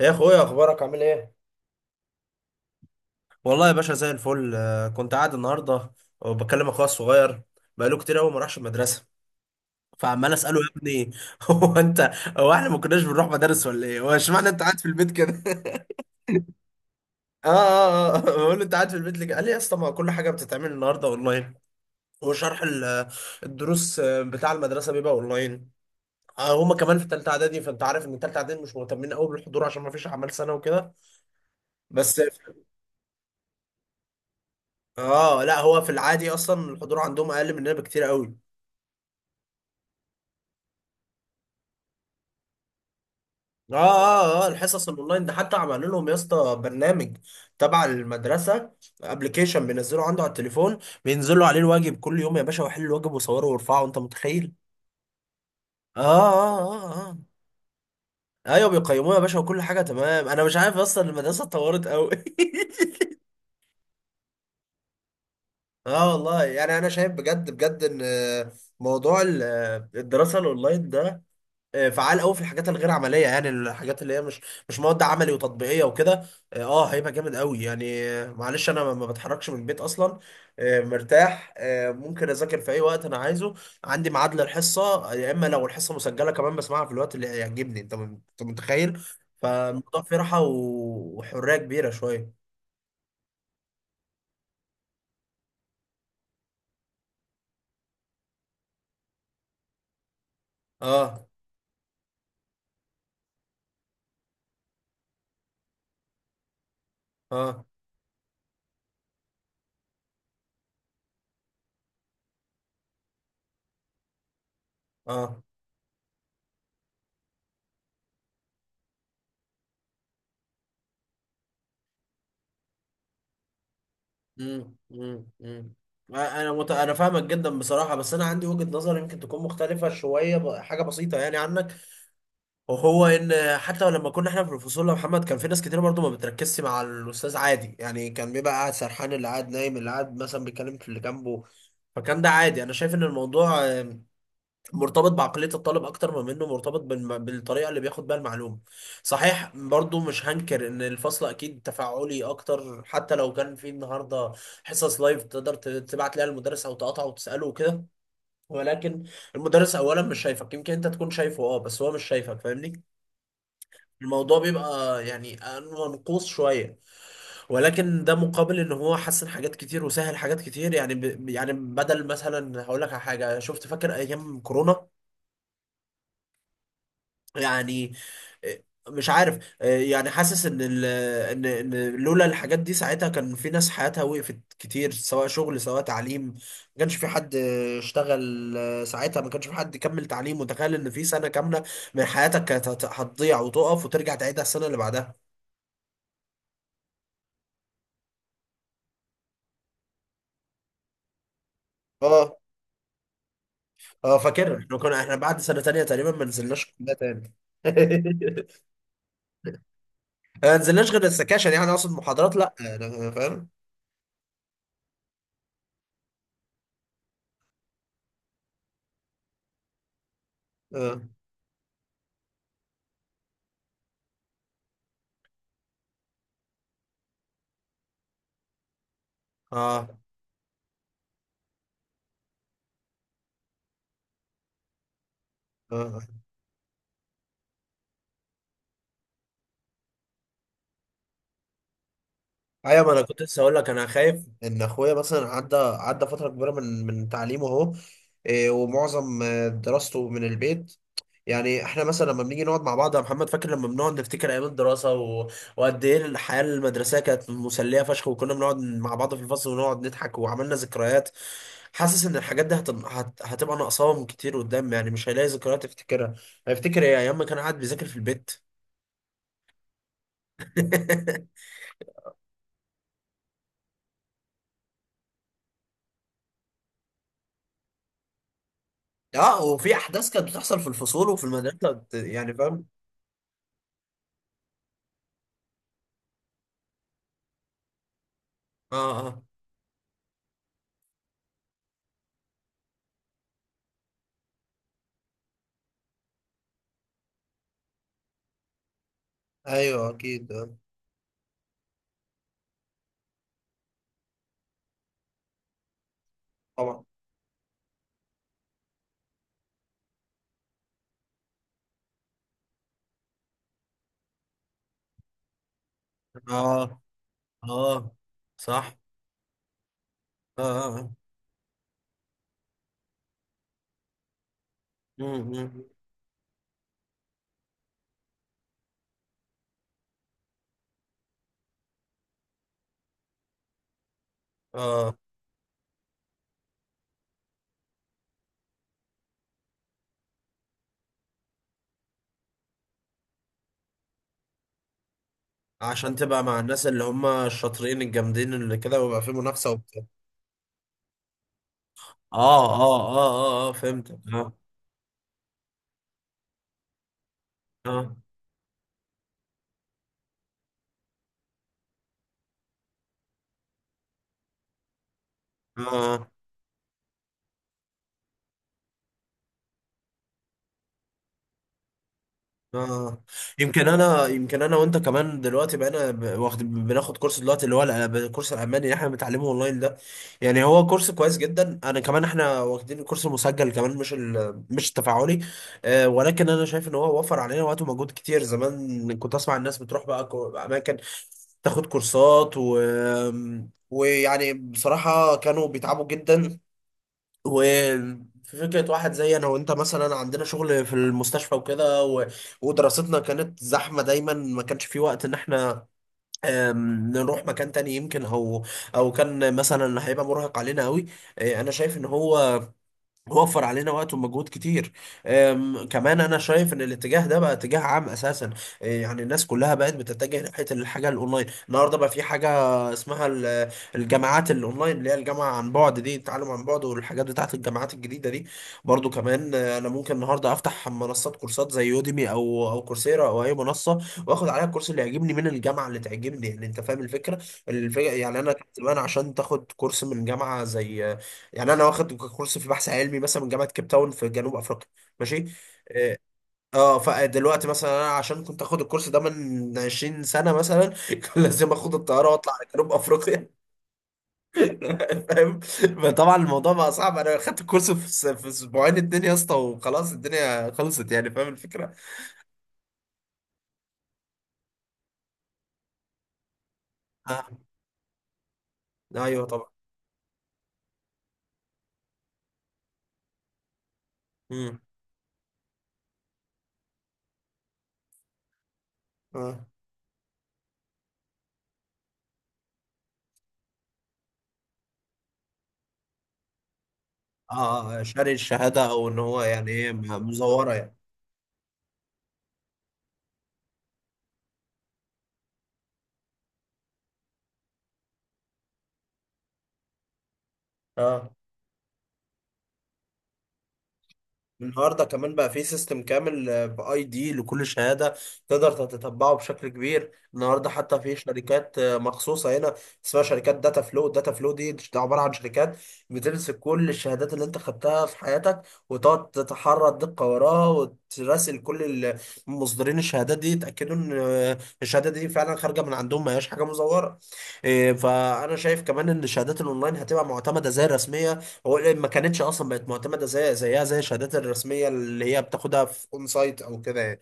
يا اخويا، اخبارك عامل ايه؟ والله يا باشا زي الفل. كنت قاعد النهارده وبكلم اخويا الصغير، بقاله كتير قوي ما راحش المدرسه، فعمال اساله يا ابني هو انت هو احنا ما كناش بنروح مدارس ولا ايه؟ هو اشمعنى انت قاعد في البيت كده؟ اه، اه، اه، بقول له انت قاعد في البيت ليه، قال لي يا اسطى ما كل حاجه بتتعمل النهارده اونلاين، وشرح الدروس، بتاع المدرسه بيبقى اونلاين. هما كمان في ثالثه اعدادي، فانت عارف ان ثالثه اعدادي مش مهتمين قوي بالحضور عشان ما فيش اعمال سنه وكده. بس اه، لا هو في العادي اصلا الحضور عندهم اقل مننا بكتير قوي. اه، اه، اه، الحصص الاونلاين ده حتى عملوا لهم يا اسطى برنامج تبع المدرسه، ابلكيشن بينزلوا عنده على التليفون، بينزلوا عليه الواجب كل يوم يا باشا، ويحلوا الواجب ويصوروا ويرفعوا، انت متخيل؟ اه، اه، اه، اه، آه. ايوه بيقيموه يا باشا وكل حاجه تمام، انا مش عارف اصلا المدرسه اتطورت قوي اه والله، يعني انا شايف بجد بجد ان موضوع الدراسه الاونلاين ده فعال قوي في الحاجات الغير عمليه، يعني الحاجات اللي هي مش مواد عملي وتطبيقيه وكده. اه، هيبقى جامد قوي يعني. معلش انا ما بتحركش من البيت اصلا، مرتاح، ممكن اذاكر في اي وقت انا عايزه، عندي ميعاد للحصه، يا اما لو الحصه مسجله كمان بسمعها في الوقت اللي يعجبني، انت متخيل؟ فالموضوع فيه راحه وحريه كبيره شويه. اه، اه، اه. مم. مم. مم. انا فاهمك جدا بصراحه، بس انا عندي وجهه نظر يمكن تكون مختلفه شويه حاجه بسيطه يعني عنك، وهو ان حتى لما كنا احنا في الفصول يا محمد، كان في ناس كتير برضو ما بتركزش مع الاستاذ عادي، يعني كان بيبقى قاعد سرحان، اللي قاعد نايم، اللي قاعد مثلا بيتكلم في اللي جنبه. فكان ده عادي، انا شايف ان الموضوع مرتبط بعقلية الطالب أكتر ما منه مرتبط بالطريقة اللي بياخد بيها المعلومة. صحيح برضو مش هنكر إن الفصل أكيد تفاعلي أكتر، حتى لو كان في النهاردة حصص لايف تقدر تبعت ليها المدرس أو تقاطعه وتسأله وكده، ولكن المدرس أولا مش شايفك، يمكن أنت تكون شايفه أه، بس هو مش شايفك، فاهمني؟ الموضوع بيبقى يعني منقوص شوية، ولكن ده مقابل ان هو حسن حاجات كتير وسهل حاجات كتير، يعني يعني بدل مثلا هقول لك على حاجه شفت، فاكر ايام كورونا؟ يعني آه، مش عارف، يعني حاسس ان ال ان ان لولا الحاجات دي ساعتها كان في ناس حياتها وقفت كتير، سواء شغل سواء تعليم، ما كانش في حد اشتغل ساعتها، ما كانش في حد كمل تعليم، وتخيل ان في سنة كاملة من حياتك كانت هتضيع وتقف وترجع تعيدها السنة اللي بعدها. اه، اه، فاكر احنا بعد سنة تانية تقريبا ما نزلناش كلها تاني ما نزلناش غير السكاشن، يعني اقصد محاضرات، لا أنا فاهم. اه، اه، آه. ايوه، ما انا كنت لسه هقول لك، انا خايف ان اخويا مثلا عدى فتره كبيره من تعليمه اهو، إيه، ومعظم دراسته من البيت. يعني احنا مثلا لما بنيجي نقعد مع بعض يا محمد، فاكر لما بنقعد نفتكر ايام الدراسه وقد ايه الحياه المدرسيه كانت مسليه فشخ، وكنا بنقعد مع بعض في الفصل ونقعد نضحك وعملنا ذكريات. حاسس ان الحاجات دي هتبقى ناقصاهم كتير قدام، يعني مش هيلاقي ذكريات يفتكرها، هيفتكر ايه، ايام ما كان قاعد بيذاكر في البيت؟ اه، وفي احداث كانت بتحصل في الفصول وفي المدرسه يعني فاهم؟ اه، اه، ايوه اكيد. طبعا. اه، اه، صح، اه، اه، اه. مم، مم. آه، عشان تبقى مع الناس اللي هم الشاطرين الجامدين اللي كده ويبقى في منافسة وبتاع. اه، اه، اه، اه، اه، فهمت، اه، اه، اه، اه، يمكن انا وانت كمان دلوقتي بقينا ب- واخد بناخد كورس دلوقتي، اللي هو الكورس الالماني اللي احنا بنتعلمه اونلاين ده. يعني هو كورس كويس جدا، انا كمان احنا واخدين الكورس المسجل كمان، مش التفاعلي. ولكن انا شايف ان هو وفر علينا وقت ومجهود كتير، زمان كنت اسمع الناس بتروح بقى اماكن تاخد كورسات، ويعني بصراحة كانوا بيتعبوا جدا، وفي فكرة واحد زي أنا وأنت مثلا، عندنا شغل في المستشفى وكده ودراستنا كانت زحمة دايما، ما كانش في وقت إن إحنا نروح مكان تاني يمكن، أو كان مثلا هيبقى مرهق علينا أوي. أنا شايف إن هو وفر علينا وقت ومجهود كتير. كمان انا شايف ان الاتجاه ده بقى اتجاه عام اساسا، يعني الناس كلها بقت بتتجه ناحيه الحاجه الاونلاين، النهارده بقى في حاجه اسمها الجامعات الاونلاين، اللي هي الجامعه عن بعد دي، التعلم عن بعد والحاجات بتاعت الجامعات الجديده دي. برضو كمان انا ممكن النهارده افتح منصات كورسات زي يوديمي او كورسيرا او اي منصه، واخد عليها الكورس اللي يعجبني من الجامعه اللي تعجبني، يعني انت فاهم الفكره. الفكره يعني انا كنت زمان عشان تاخد كورس من جامعه زي، يعني انا واخد كورس في بحث علمي مثلا من جامعه كيب تاون في جنوب افريقيا. ماشي، اه، فدلوقتي مثلا انا عشان كنت اخد الكورس ده من 20 سنه مثلا كان لازم اخد الطياره واطلع على جنوب افريقيا فاهم؟ فطبعا الموضوع بقى صعب، انا خدت الكورس في اسبوعين اتنين يا اسطى وخلاص الدنيا خلصت، يعني فاهم الفكره؟ آه. ايوه طبعا. امم. اه، اه، شاري الشهاده، او ان هو يعني ايه، مزوره يعني. اه، النهارده كمان بقى في سيستم كامل باي دي لكل شهاده، تقدر تتتبعه بشكل كبير، النهارده حتى في شركات مخصوصه هنا اسمها شركات داتا فلو، داتا فلو ده عباره عن شركات بتمسك كل الشهادات اللي انت خدتها في حياتك، وتقعد تتحرى الدقه وراها وتراسل كل مصدرين الشهادات دي يتاكدوا ان الشهاده دي فعلا خارجه من عندهم، ما هياش حاجه مزوره. فانا شايف كمان ان الشهادات الاونلاين هتبقى معتمده زي الرسميه، هو ليه ما كانتش اصلا بقت معتمده زي الشهادات الرسميه اللي هي بتاخدها في اون سايت او كده يعني.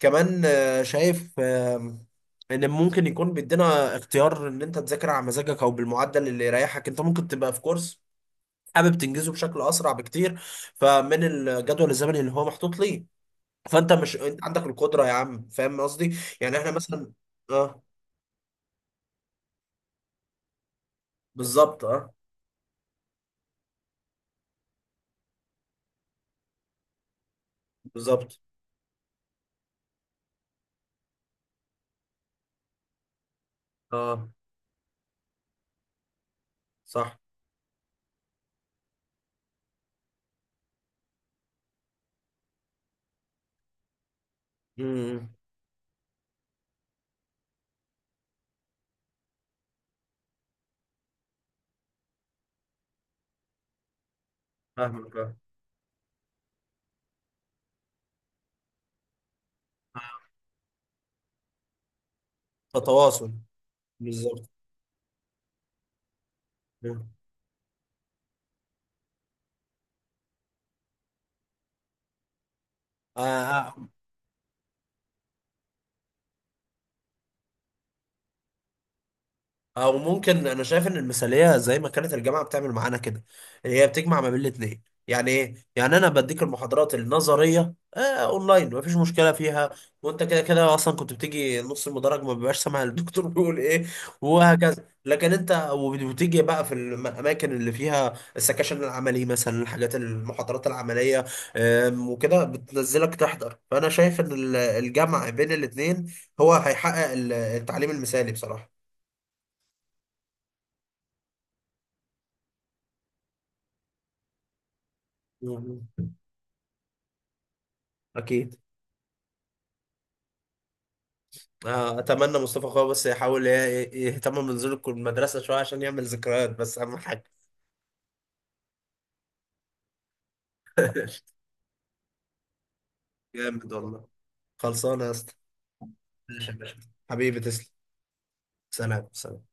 كمان شايف ان ممكن يكون بيدينا اختيار ان انت تذاكر على مزاجك او بالمعدل اللي يريحك، انت ممكن تبقى في كورس حابب تنجزه بشكل اسرع بكتير فمن الجدول الزمني اللي هو محطوط ليه، فانت مش، انت عندك القدره يا عم، فاهم قصدي؟ يعني احنا مثلا، اه بالظبط، اه بالظبط، اه صح، امم، فاهمك. آه. تواصل، بالظبط، آه، آه، او ممكن، انا شايف ان المثاليه زي ما كانت الجامعه بتعمل معانا كده، اللي هي بتجمع ما بين الاثنين، يعني ايه، يعني انا بديك المحاضرات النظريه اونلاين مفيش مشكله فيها، وانت كده كده اصلا كنت بتيجي نص المدرج ما بيبقاش سامع الدكتور بيقول ايه، وهكذا. لكن انت وبتيجي بقى في الاماكن اللي فيها السكاشن العملي، مثلا الحاجات المحاضرات العمليه، وكده بتنزلك تحضر. فانا شايف ان الجمع بين الاثنين هو هيحقق التعليم المثالي بصراحه. مم. اكيد. اتمنى مصطفى اخويا بس يحاول يهتم بنزول المدرسه شويه عشان يعمل ذكريات بس اهم حاجه جامد والله، خلصانه يا اسطى. ماشي يا باشا. حبيبي تسلم. سلام سلام.